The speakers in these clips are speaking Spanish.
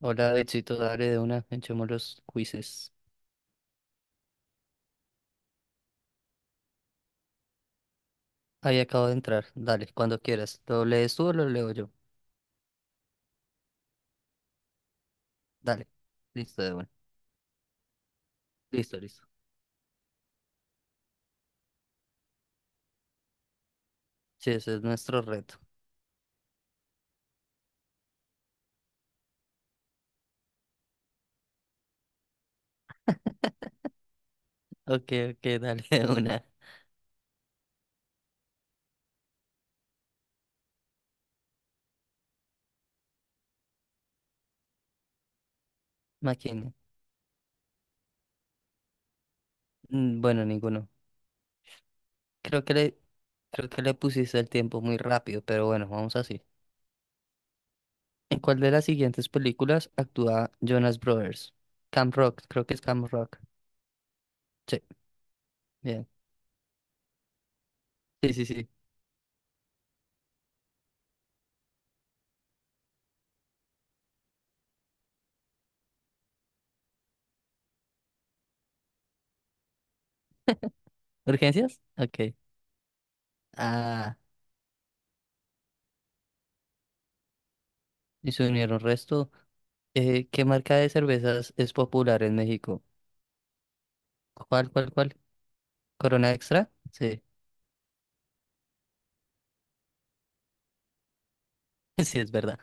Hola, Betsito, dale de una, echemos los quizzes. Ahí acabo de entrar, dale, cuando quieras. ¿Lo lees tú o lo leo yo? Dale, listo de una. Listo, listo. Sí, ese es nuestro reto. Ok, ok, dale de una. Máquina. Bueno, ninguno. Creo que le, creo que le pusiste el tiempo muy rápido, pero bueno, vamos así. ¿En cuál de las siguientes películas actúa Jonas Brothers? Camp Rock, creo que es Camp Rock. Sí, bien. Sí, sí, sí. ¿Urgencias? Ok. Ah, y se unieron resto. ¿Qué marca de cervezas es popular en México? ¿Cuál, cuál, cuál? ¿Corona Extra? Sí, sí, es verdad.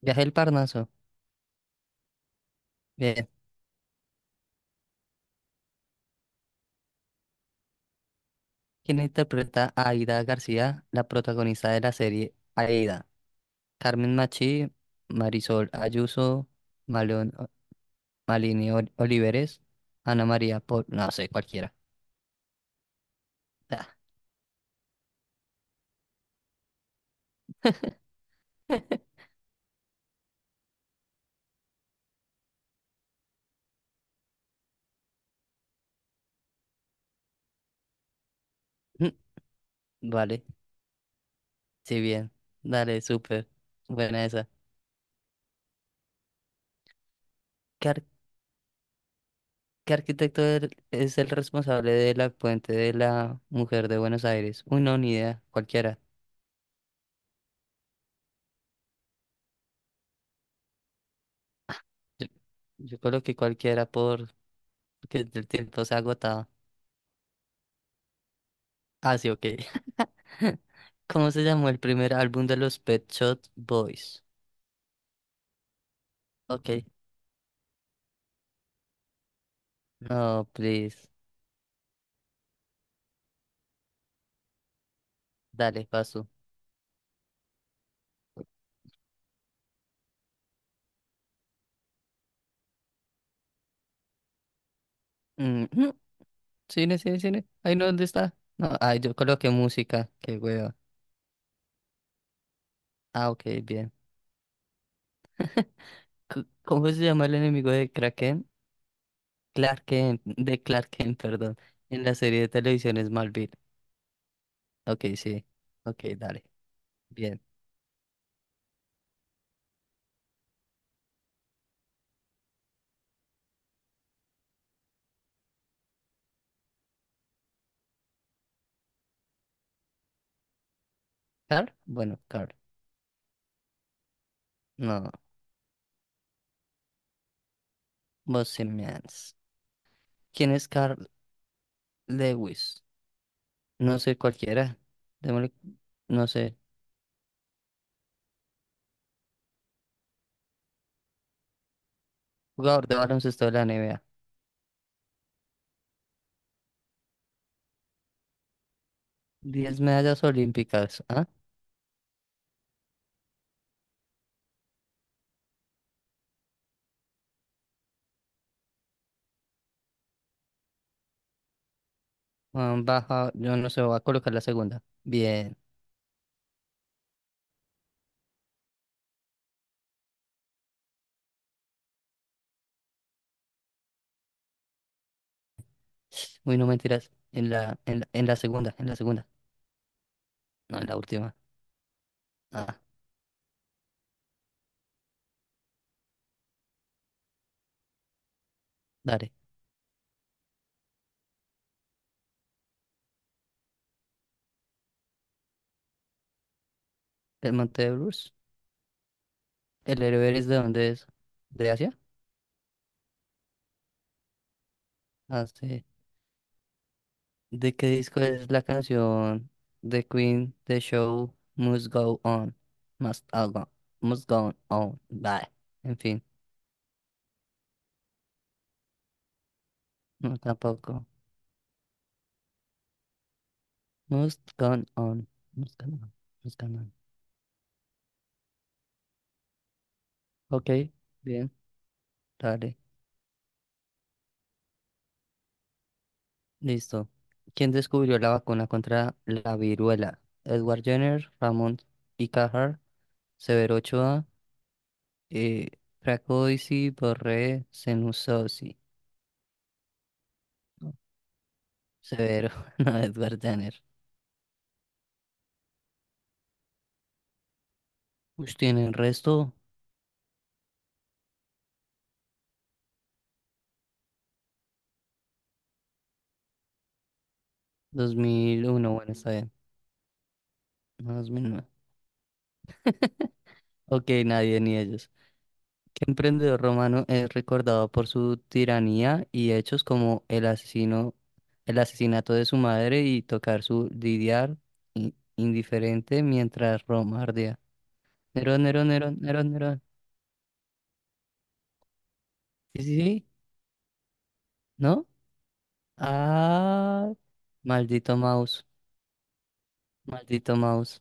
Viaje al Parnaso. Bien. ¿Quién interpreta a Aida García, la protagonista de la serie Aida? Carmen Machi, Marisol Ayuso, Malón, Oliveres, Ana María Pol, no sé, cualquiera. Ah. Vale, sí, bien. Dale, súper. Buena esa. ¿Qué ¿Qué arquitecto es el responsable de la puente de la Mujer de Buenos Aires? Uy, no, ni idea, cualquiera. Yo, yo coloqué cualquiera porque el tiempo se ha agotado. Ah, sí, ok. ¿Cómo se llamó el primer álbum de los Pet Shop Boys? Ok, no, please. Dale, paso. Mm, mm, Cine, cine, cine. Ay, no, ¿dónde está? No, ay, yo coloqué música. Qué hueva. Ah, ok, bien. ¿Cómo se llama el enemigo de Kraken? De Clark Kent, perdón, en la serie de televisión Smallville. Ok, sí. Ok, dale. Bien. ¿Carl? Bueno, Carl. No, Bohemians. ¿Quién es Carl Lewis? No sé, cualquiera. Démosle- No sé. Jugador de baloncesto de la NBA. 10 medallas olímpicas. ¿Ah? Ah, Baja, yo no sé, voy a colocar la segunda. Bien. Uy, no mentiras. En la segunda, en la segunda. No, en la última. Ah, dale. El Monte de Bruce. ¿El héroe es de dónde es? ¿De Asia? Ah, sí. ¿De qué disco es la canción The Queen, The Show Must Go On? Must, all go, must Go On. Bye. En fin, no tampoco. Must Go On. Must Go On. Must Go On. Ok, bien, dale, listo. ¿Quién descubrió la vacuna contra la viruela? Edward Jenner, Ramón y Cajal, Severo Ochoa, eh, Franco Borré, Senussi. Severo, no, Edward Jenner. Uy, tiene el resto. 2001, bueno, está bien. No, 2009. Ok, nadie ni ellos. ¿Qué emprendedor romano es recordado por su tiranía y hechos como el asesinato de su madre y tocar su lidiar indiferente mientras Roma ardía? Nerón, Nerón, Nerón, Nerón, Nerón. Sí, sí, sí, ¿no? Ah, maldito mouse, maldito mouse,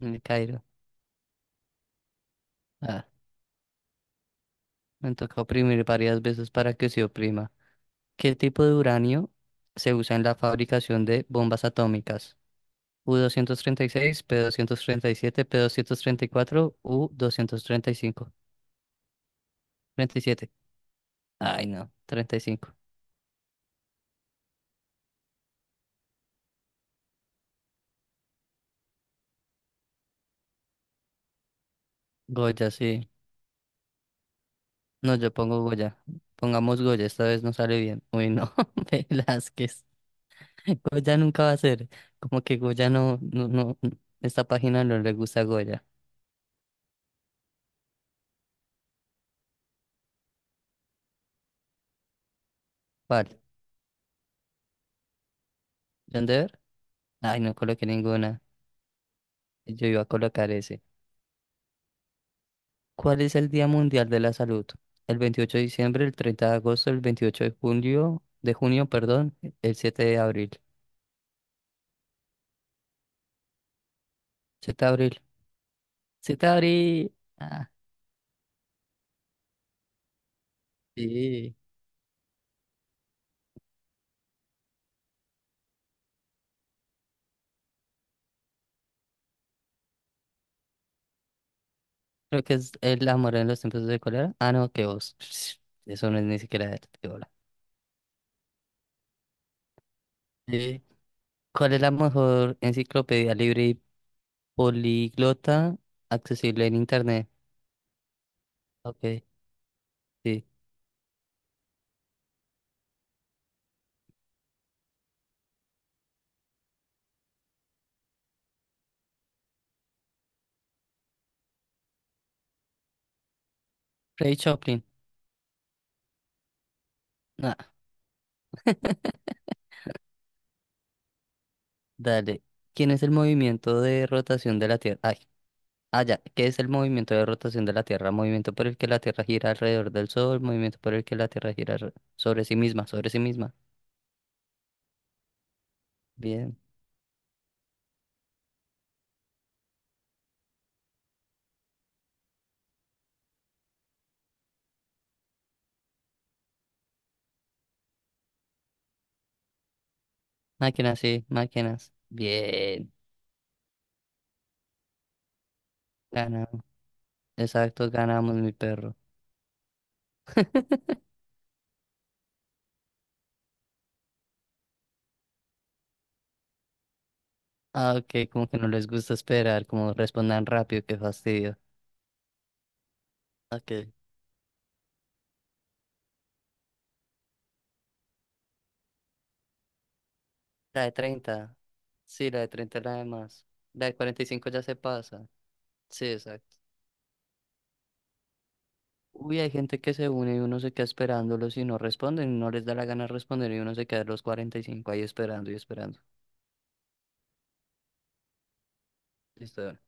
el Cairo. Me toca oprimir varias veces para que se oprima. ¿Qué tipo de uranio se usa en la fabricación de bombas atómicas? U-236, P-237, P-234, U-235. 37. Ay, no, 35. Goya, sí. No, yo pongo Goya. Pongamos Goya, esta vez no sale bien. Uy, no, Velázquez. Goya nunca va a ser. Como que Goya no, no, no, esta página no le gusta a Goya. ¿Cuál? ¿John Deere? Ay, no coloqué ninguna. Yo iba a colocar ese. ¿Cuál es el Día Mundial de la Salud? El 28 de diciembre, el 30 de agosto, el 28 de junio, perdón, el 7 de abril. 7 de abril. 7 de abril. Ah, sí. Creo que es el amor en los tiempos de cólera. Ah, no, que vos. Eso no es ni siquiera de bola. Sí. ¿Cuál es la mejor enciclopedia libre y políglota accesible en internet? Ok, sí. Ray Choplin. Ah. Dale. ¿Quién es el movimiento de rotación de la Tierra? Ay, ah, ya. ¿Qué es el movimiento de rotación de la Tierra? Movimiento por el que la Tierra gira alrededor del Sol, movimiento por el que la Tierra sobre sí misma, sobre sí misma. Bien. Máquinas, sí, máquinas. Bien. Ganamos. Exacto, ganamos, mi perro. Ah, ok, como que no les gusta esperar, como respondan rápido, qué fastidio. Ok. La de 30, sí, la de 30 es la de más. La de 45 ya se pasa. Sí, exacto. Uy, hay gente que se une y uno se queda esperándolos y no responden, no les da la gana de responder y uno se queda a los 45 ahí esperando y esperando. Listo,